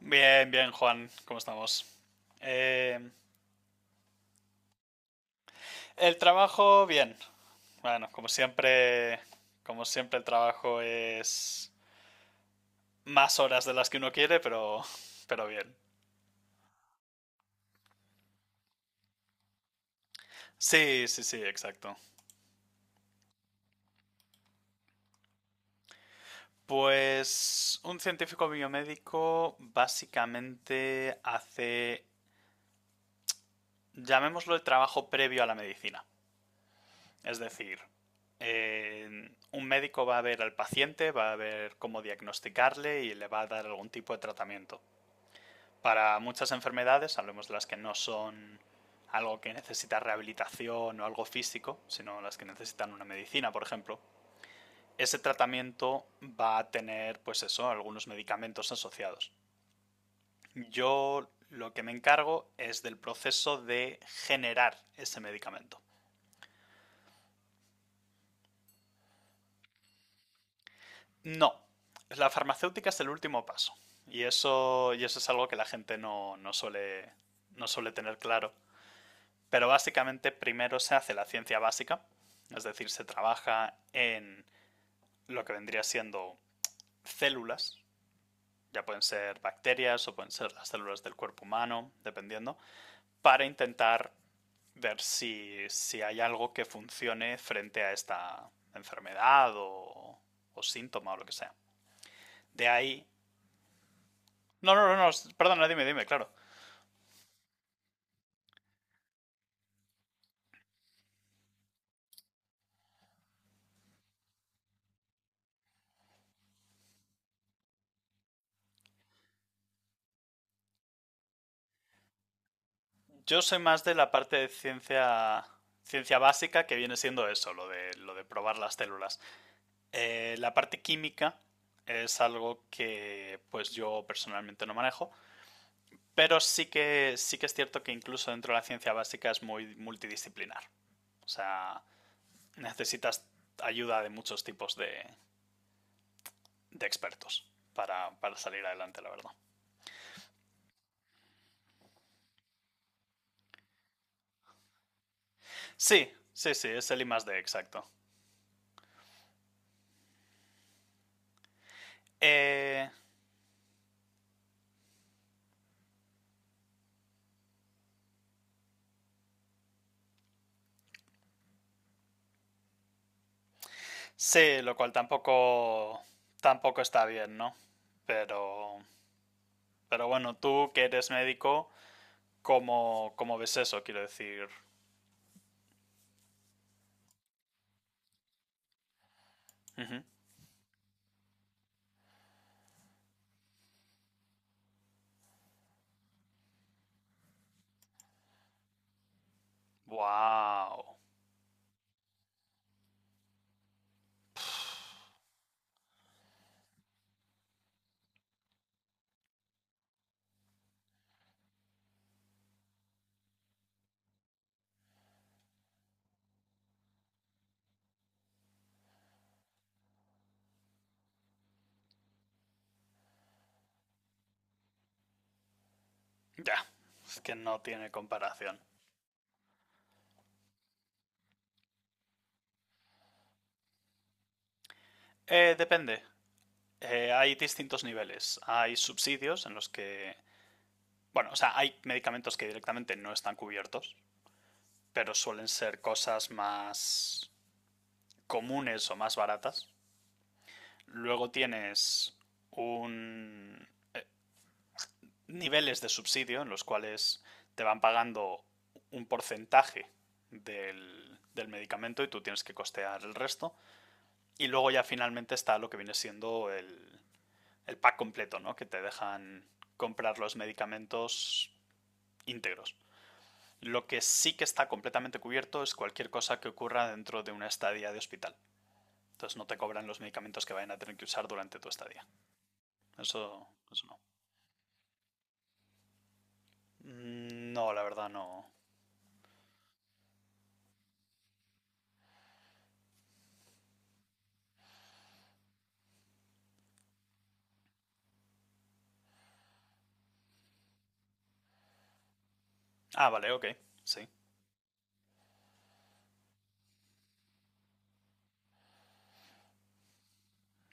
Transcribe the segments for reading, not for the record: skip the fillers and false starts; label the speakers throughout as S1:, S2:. S1: Bien, bien, Juan, ¿cómo estamos? Eh, el trabajo, bien. Bueno, como siempre el trabajo es más horas de las que uno quiere, pero bien. Sí, sí, sí, exacto. Pues un científico biomédico básicamente llamémoslo el trabajo previo a la medicina. Es decir, un médico va a ver al paciente, va a ver cómo diagnosticarle y le va a dar algún tipo de tratamiento. Para muchas enfermedades, hablemos de las que no son algo que necesita rehabilitación o algo físico, sino las que necesitan una medicina, por ejemplo, ese tratamiento va a tener, pues eso, algunos medicamentos asociados. Yo lo que me encargo es del proceso de generar ese medicamento. No, la farmacéutica es el último paso. Y eso es algo que la gente no suele tener claro. Pero básicamente primero se hace la ciencia básica, es decir, se trabaja en lo que vendría siendo células, ya pueden ser bacterias o pueden ser las células del cuerpo humano, dependiendo, para intentar ver si hay algo que funcione frente a esta enfermedad o síntoma o lo que sea. De ahí. No, no, no, no, perdona, dime, dime, claro. Yo soy más de la parte de ciencia, ciencia básica que viene siendo eso, lo de probar las células. La parte química es algo que pues yo personalmente no manejo, pero sí que es cierto que incluso dentro de la ciencia básica es muy multidisciplinar. O sea, necesitas ayuda de muchos tipos de expertos para, salir adelante, la verdad. Sí, sí, sí, es el I+D, exacto. Eh, sí, lo cual tampoco, tampoco está bien, ¿no? Pero, pero bueno, tú que eres médico, ¿cómo ves eso? Quiero decir, ujú. Wow. Ya, es que no tiene comparación. Depende. Hay distintos niveles. Hay subsidios en los que, bueno, o sea, hay medicamentos que directamente no están cubiertos, pero suelen ser cosas más comunes o más baratas. Luego tienes un niveles de subsidio en los cuales te van pagando un porcentaje del medicamento y tú tienes que costear el resto. Y luego ya finalmente está lo que viene siendo el pack completo, ¿no? Que te dejan comprar los medicamentos íntegros. Lo que sí que está completamente cubierto es cualquier cosa que ocurra dentro de una estadía de hospital. Entonces no te cobran los medicamentos que vayan a tener que usar durante tu estadía. Eso no. Mm, no, la verdad no. Ah, vale, ok. Sí,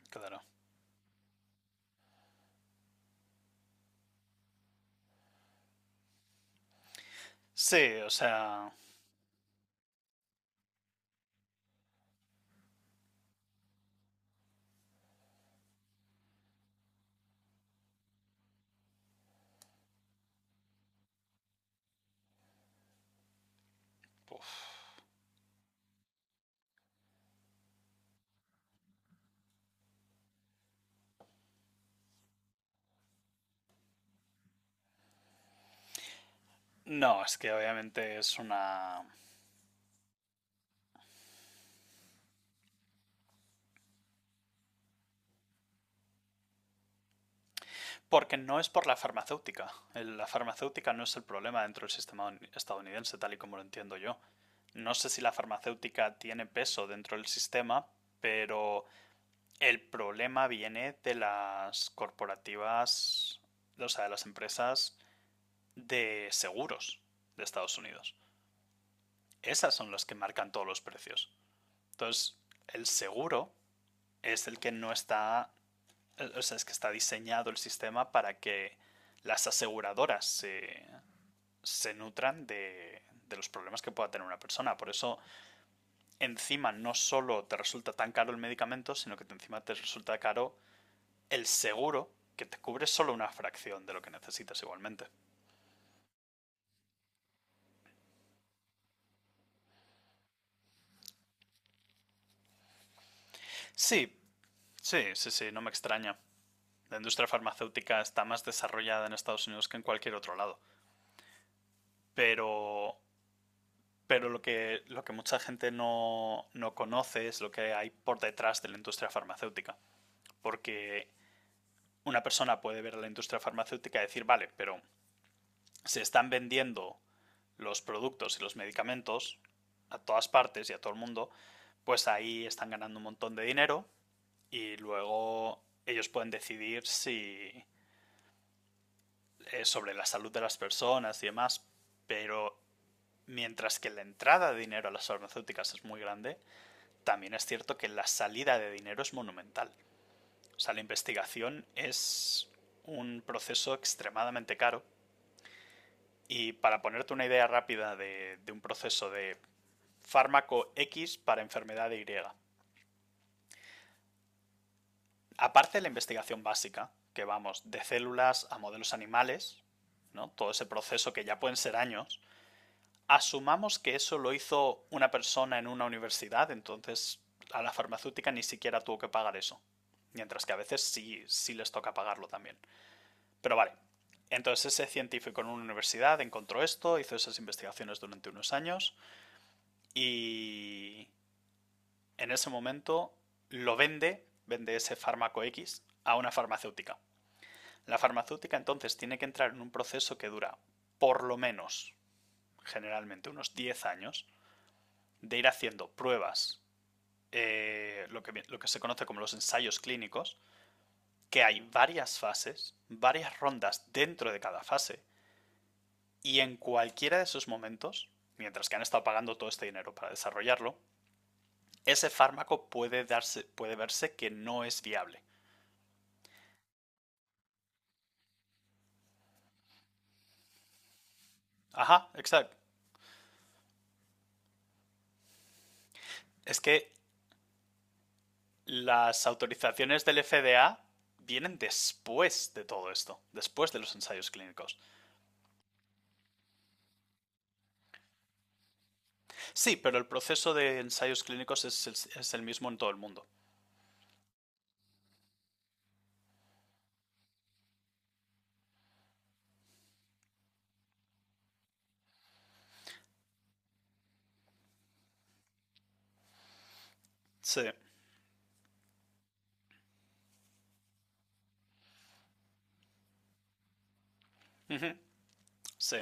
S1: claro. Sí, o sea. Uf. No, es que obviamente es una. Porque no es por la farmacéutica. La farmacéutica no es el problema dentro del sistema estadounidense, tal y como lo entiendo yo. No sé si la farmacéutica tiene peso dentro del sistema, pero el problema viene de las corporativas, o sea, de las empresas de seguros de Estados Unidos. Esas son las que marcan todos los precios. Entonces, el seguro es el que no está. O sea, es que está diseñado el sistema para que las aseguradoras se nutran de, los problemas que pueda tener una persona. Por eso, encima no solo te resulta tan caro el medicamento, sino que encima te resulta caro el seguro, que te cubre solo una fracción de lo que necesitas igualmente. Sí, sí, sí, sí, no me extraña. La industria farmacéutica está más desarrollada en Estados Unidos que en cualquier otro lado. Pero Pero lo que mucha gente no conoce es lo que hay por detrás de la industria farmacéutica. Porque una persona puede ver a la industria farmacéutica y decir, vale, pero se están vendiendo los productos y los medicamentos a todas partes y a todo el mundo, pues ahí están ganando un montón de dinero y luego ellos pueden decidir si sobre la salud de las personas y demás, pero mientras que la entrada de dinero a las farmacéuticas es muy grande, también es cierto que la salida de dinero es monumental. O sea, la investigación es un proceso extremadamente caro. Y para ponerte una idea rápida de, un proceso de fármaco X para enfermedad Y, aparte de la investigación básica, que vamos de células a modelos animales, ¿no? Todo ese proceso que ya pueden ser años. Asumamos que eso lo hizo una persona en una universidad, entonces a la farmacéutica ni siquiera tuvo que pagar eso. Mientras que a veces sí les toca pagarlo también. Pero vale. Entonces ese científico en una universidad encontró esto, hizo esas investigaciones durante unos años y en ese momento lo vende, vende ese fármaco X a una farmacéutica. La farmacéutica entonces tiene que entrar en un proceso que dura por lo menos, generalmente, unos 10 años, de ir haciendo pruebas, lo que se conoce como los ensayos clínicos, que hay varias fases, varias rondas dentro de cada fase, y en cualquiera de esos momentos, mientras que han estado pagando todo este dinero para desarrollarlo, ese fármaco puede verse que no es viable. Ajá, exacto. Es que las autorizaciones del FDA vienen después de todo esto, después de los ensayos clínicos. Sí, pero el proceso de ensayos clínicos es el mismo en todo el mundo. Sí, ujú, sí,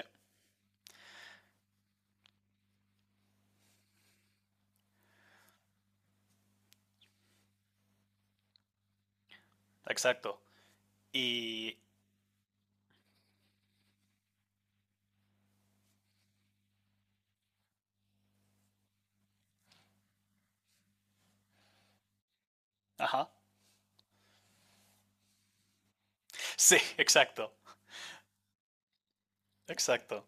S1: exacto. Y. Ajá. Sí, exacto, exacto.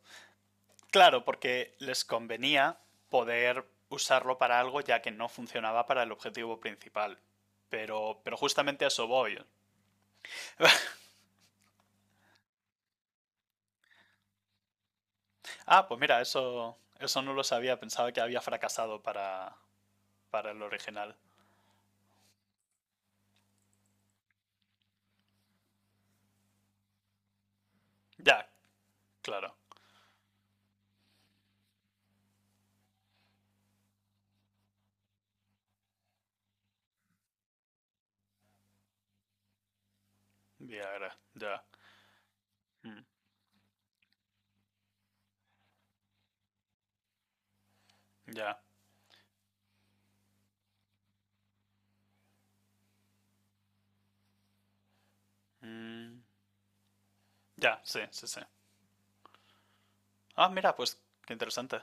S1: Claro, porque les convenía poder usarlo para algo ya que no funcionaba para el objetivo principal. Pero justamente a eso voy. Ah, pues mira, eso no lo sabía. Pensaba que había fracasado para el original. Ya, claro. Viagra, ya. Mm, ya. Mm, ya, sí, sí, sí. Ah, mira, pues qué interesante.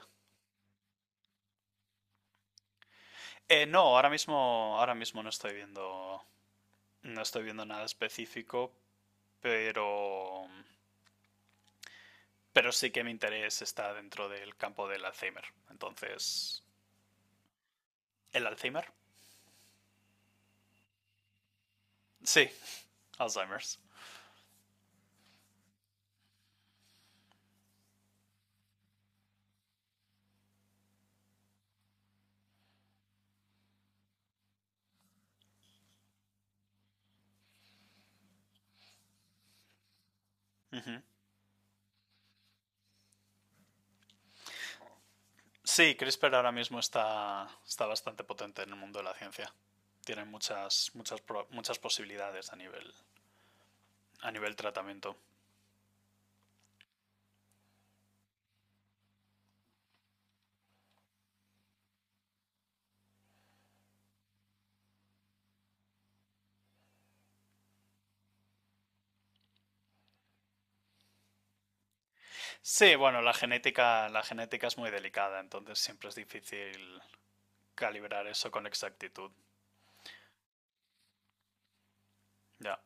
S1: No, ahora mismo no estoy viendo nada específico, pero, pero sí que mi interés está dentro del campo del Alzheimer. Entonces, ¿el Alzheimer? Sí, Alzheimer's. Ujú. Sí, CRISPR ahora mismo está, está bastante potente en el mundo de la ciencia. Tiene muchas posibilidades a nivel tratamiento. Sí, bueno, la genética es muy delicada, entonces siempre es difícil calibrar eso con exactitud. Ya.